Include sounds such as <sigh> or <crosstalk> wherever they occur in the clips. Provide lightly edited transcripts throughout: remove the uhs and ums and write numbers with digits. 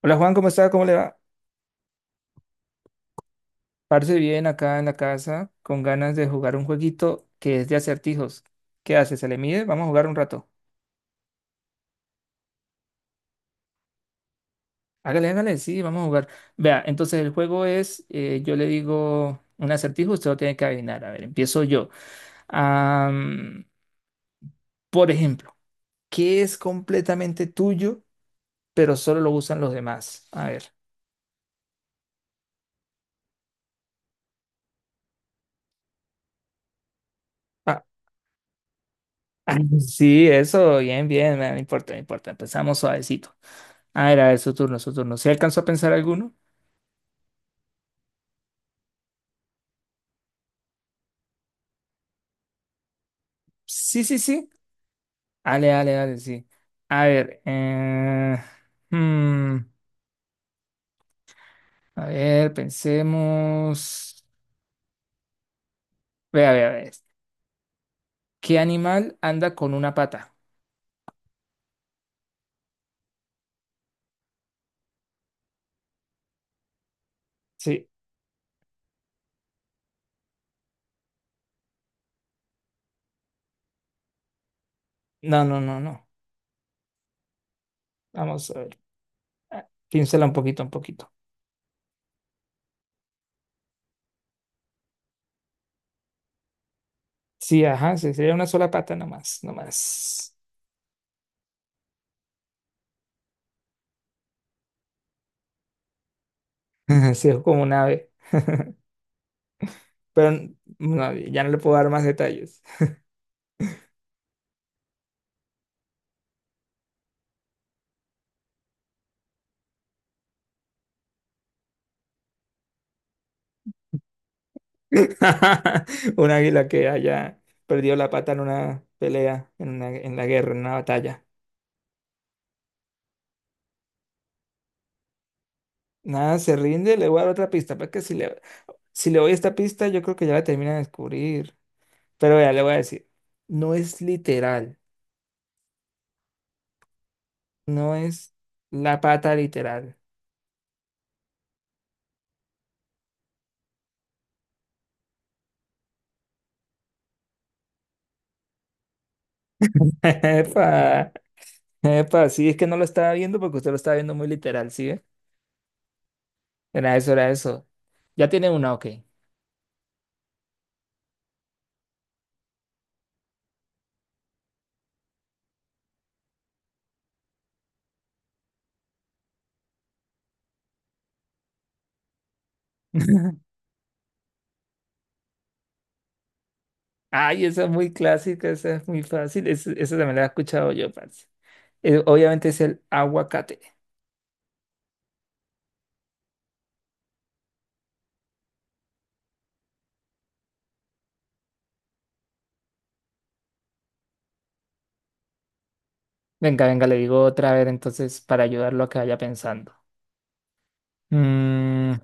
Hola Juan, ¿cómo está? ¿Cómo le va? Parce bien acá en la casa, con ganas de jugar un jueguito que es de acertijos. ¿Qué hace? ¿Se le mide? Vamos a jugar un rato. Hágale, hágale, sí, vamos a jugar. Vea, entonces el juego es, yo le digo un acertijo, usted lo tiene que adivinar. A ver, empiezo yo. Am, por ejemplo, ¿qué es completamente tuyo, pero solo lo usan los demás? A ver. Ah, <laughs> ah, sí, eso, bien, bien, no importa, no importa. Empezamos suavecito. A ver, su turno, su turno. ¿Se alcanzó a pensar alguno? Sí, sí, sí. Ale, ale, ale, sí. A ver, hmm, a ver, pensemos. Vea, vea, vea. ¿Qué animal anda con una pata? Sí. No, no, no, no. Vamos a ver. Ah, piénsela un poquito, un poquito. Sí, ajá, sí, sería una sola pata nomás, nomás. <laughs> Sí, es como un ave. Pero no, ya no le puedo dar más detalles. <laughs> Un águila que haya perdido la pata en una pelea, en una, en la guerra, en una batalla. Nada, se rinde, le voy a dar otra pista, porque si le, si le doy esta pista, yo creo que ya la termina de descubrir. Pero ya le voy a decir, no es literal, no es la pata literal. <laughs> Epa, epa, sí, es que no lo estaba viendo porque usted lo estaba viendo muy literal, ¿sí? ¿ve? Era eso, era eso. Ya tiene una, ok. <laughs> Ay, esa es muy clásica, esa es muy fácil, esa también la he escuchado yo, parce. Obviamente es el aguacate. Venga, venga, le digo otra vez entonces para ayudarlo a que vaya pensando. Mm,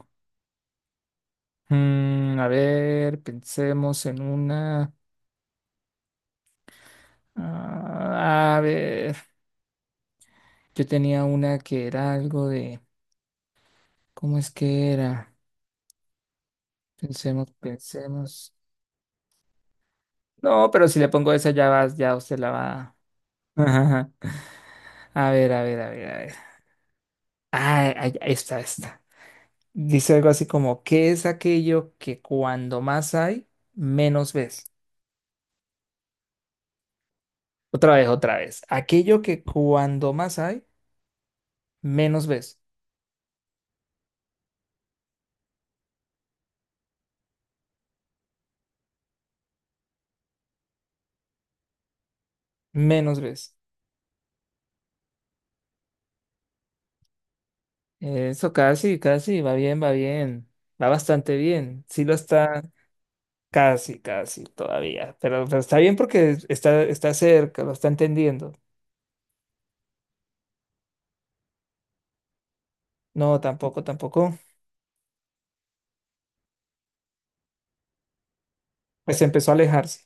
mm, a ver, pensemos en una. Ah, a ver, yo tenía una que era algo de. ¿Cómo es que era? Pensemos, pensemos. No, pero si le pongo esa ya vas, ya usted la va. <laughs> Ajá. A ver, a ver, a ver, a ver. Ah, ahí está, está. Dice algo así como, ¿qué es aquello que cuando más hay, menos ves? Otra vez, otra vez. Aquello que cuando más hay, menos ves, menos ves. Eso casi, casi, va bien, va bien, va bastante bien. Sí lo está, casi, casi todavía, pero está bien porque está, está cerca, lo está entendiendo. No, tampoco, tampoco. Pues empezó a alejarse.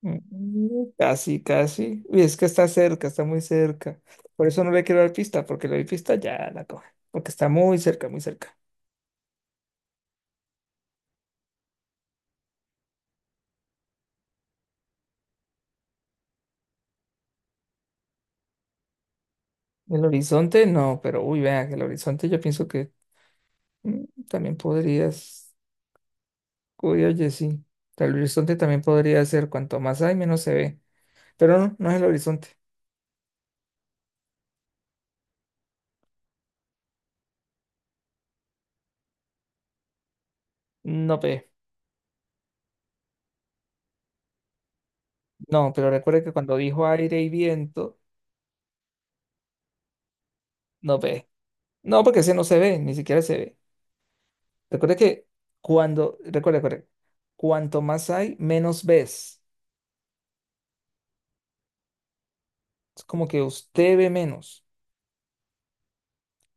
Mm, casi, casi. Uy, es que está cerca, está muy cerca. Por eso no le quiero dar pista, porque le doy pista ya la coge, porque está muy cerca, muy cerca. El horizonte no, pero uy, vean, el horizonte yo pienso que mm, también podrías. Uy, oye, sí. El horizonte también podría ser cuanto más hay, menos se ve. Pero no, no es el horizonte. No pe. No, pero recuerde que cuando dijo aire y viento, no pe. No, porque ese no se ve, ni siquiera se ve. Recuerde que cuando, recuerde, recuerde, cuanto más hay, menos ves. Es como que usted ve menos.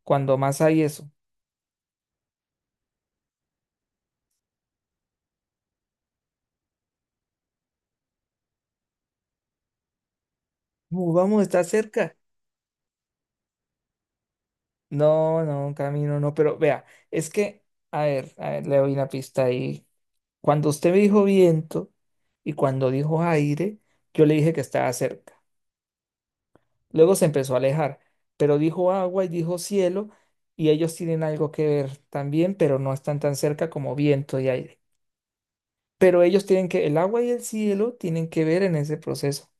Cuando más hay eso. Vamos, está cerca. No, no, camino, no, pero vea, es que, a ver, le doy una pista ahí. Cuando usted me dijo viento y cuando dijo aire, yo le dije que estaba cerca. Luego se empezó a alejar, pero dijo agua y dijo cielo y ellos tienen algo que ver también, pero no están tan cerca como viento y aire. Pero ellos tienen que, el agua y el cielo tienen que ver en ese proceso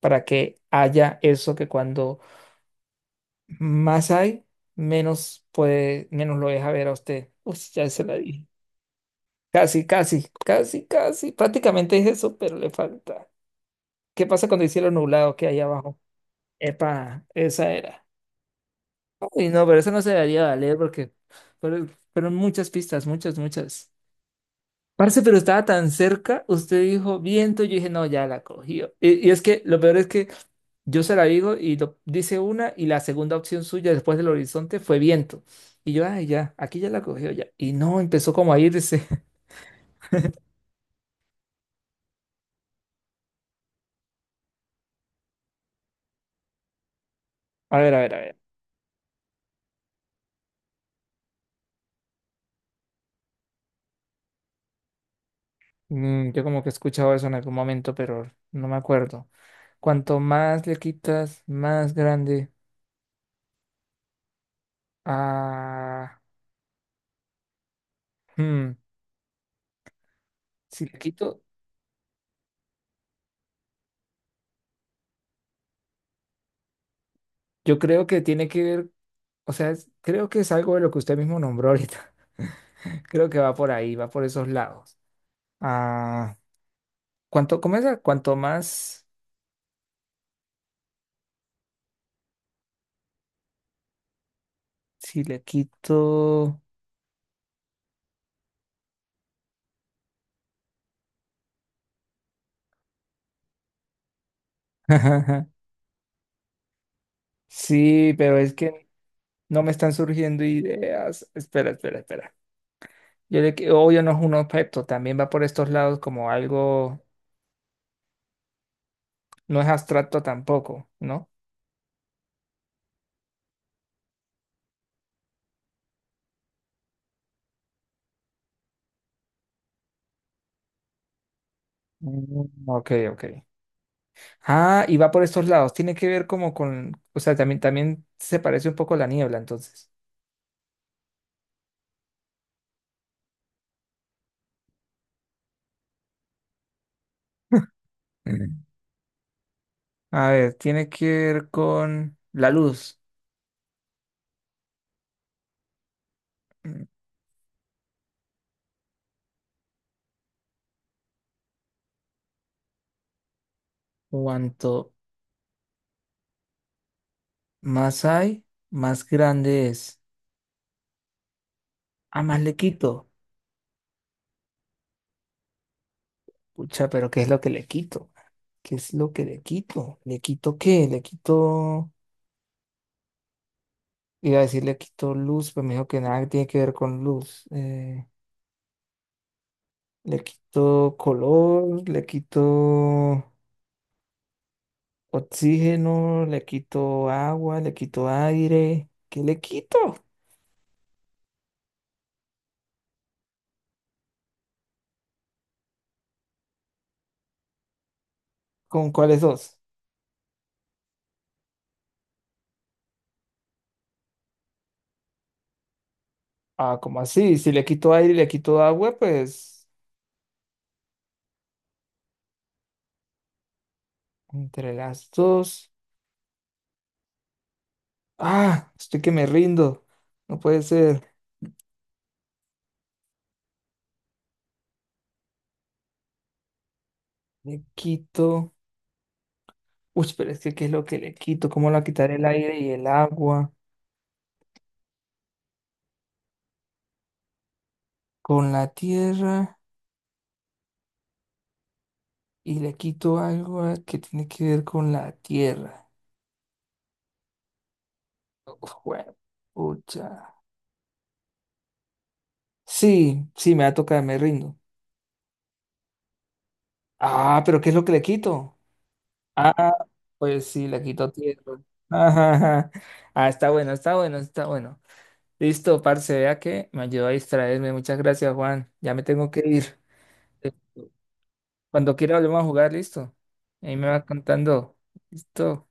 para que haya eso que cuando más hay, menos puede, menos lo deja ver a usted. Uy, ya se la dije. Casi, casi, casi, casi. Prácticamente es eso, pero le falta. ¿Qué pasa cuando el cielo nublado que hay abajo? Epa, esa era. Uy, no, pero eso no se debería valer porque pero fueron muchas pistas, muchas, muchas. Parce, pero estaba tan cerca, usted dijo viento, yo dije, no, ya la cogió. Y es que lo peor es que yo se la digo y lo, dice una y la segunda opción suya después del horizonte fue viento. Y yo, ay, ya, aquí ya la cogió ya. Y no, empezó como a irse. <laughs> A ver, a ver, a ver. Mm, yo como que he escuchado eso en algún momento, pero no me acuerdo. Cuanto más le quitas, más grande. Ah, hmm, Si le quito, yo creo que tiene que ver, o sea, creo que es algo de lo que usted mismo nombró ahorita. Creo que va por ahí, va por esos lados. Ah, ¿cuánto, cómo es? Cuanto más, si le quito. <laughs> Sí, pero es que no me están surgiendo ideas. Espera, espera, espera. Yo obvio no es un objeto, también va por estos lados como algo, no es abstracto tampoco, ¿no? Mm, ok, ok. Ah, y va por estos lados. Tiene que ver como con, o sea, también, también se parece un poco a la niebla, entonces. <laughs> Mm. A ver, tiene que ver con la luz. Cuanto más hay, más grande es. Ah, más le quito. Pucha, pero ¿qué es lo que le quito? ¿Qué es lo que le quito? ¿Le quito qué? Le quito. Iba a decir le quito luz, pero me dijo que nada tiene que ver con luz. Le quito color, le quito oxígeno, le quito agua, le quito aire. ¿Qué le quito? ¿Con cuáles dos? Ah, ¿cómo así? Si le quito aire y le quito agua, pues entre las dos. Ah, estoy que me rindo. No puede ser. Le quito. Uy, pero es que ¿qué es lo que le quito? ¿Cómo le quitaré el aire y el agua? Con la tierra. Y le quito algo que tiene que ver con la tierra. Uf, bueno, pucha. Sí, sí, me va a tocar, me rindo. Ah, pero ¿qué es lo que le quito? Ah, pues sí, le quito tierra. <laughs> Ajá, ajá. Ah, está bueno, está bueno, está bueno. Listo, parce, vea que me ayudó a distraerme. Muchas gracias, Juan. Ya me tengo que ir. Cuando quiera volvemos a jugar, listo. Ahí me va contando. Listo.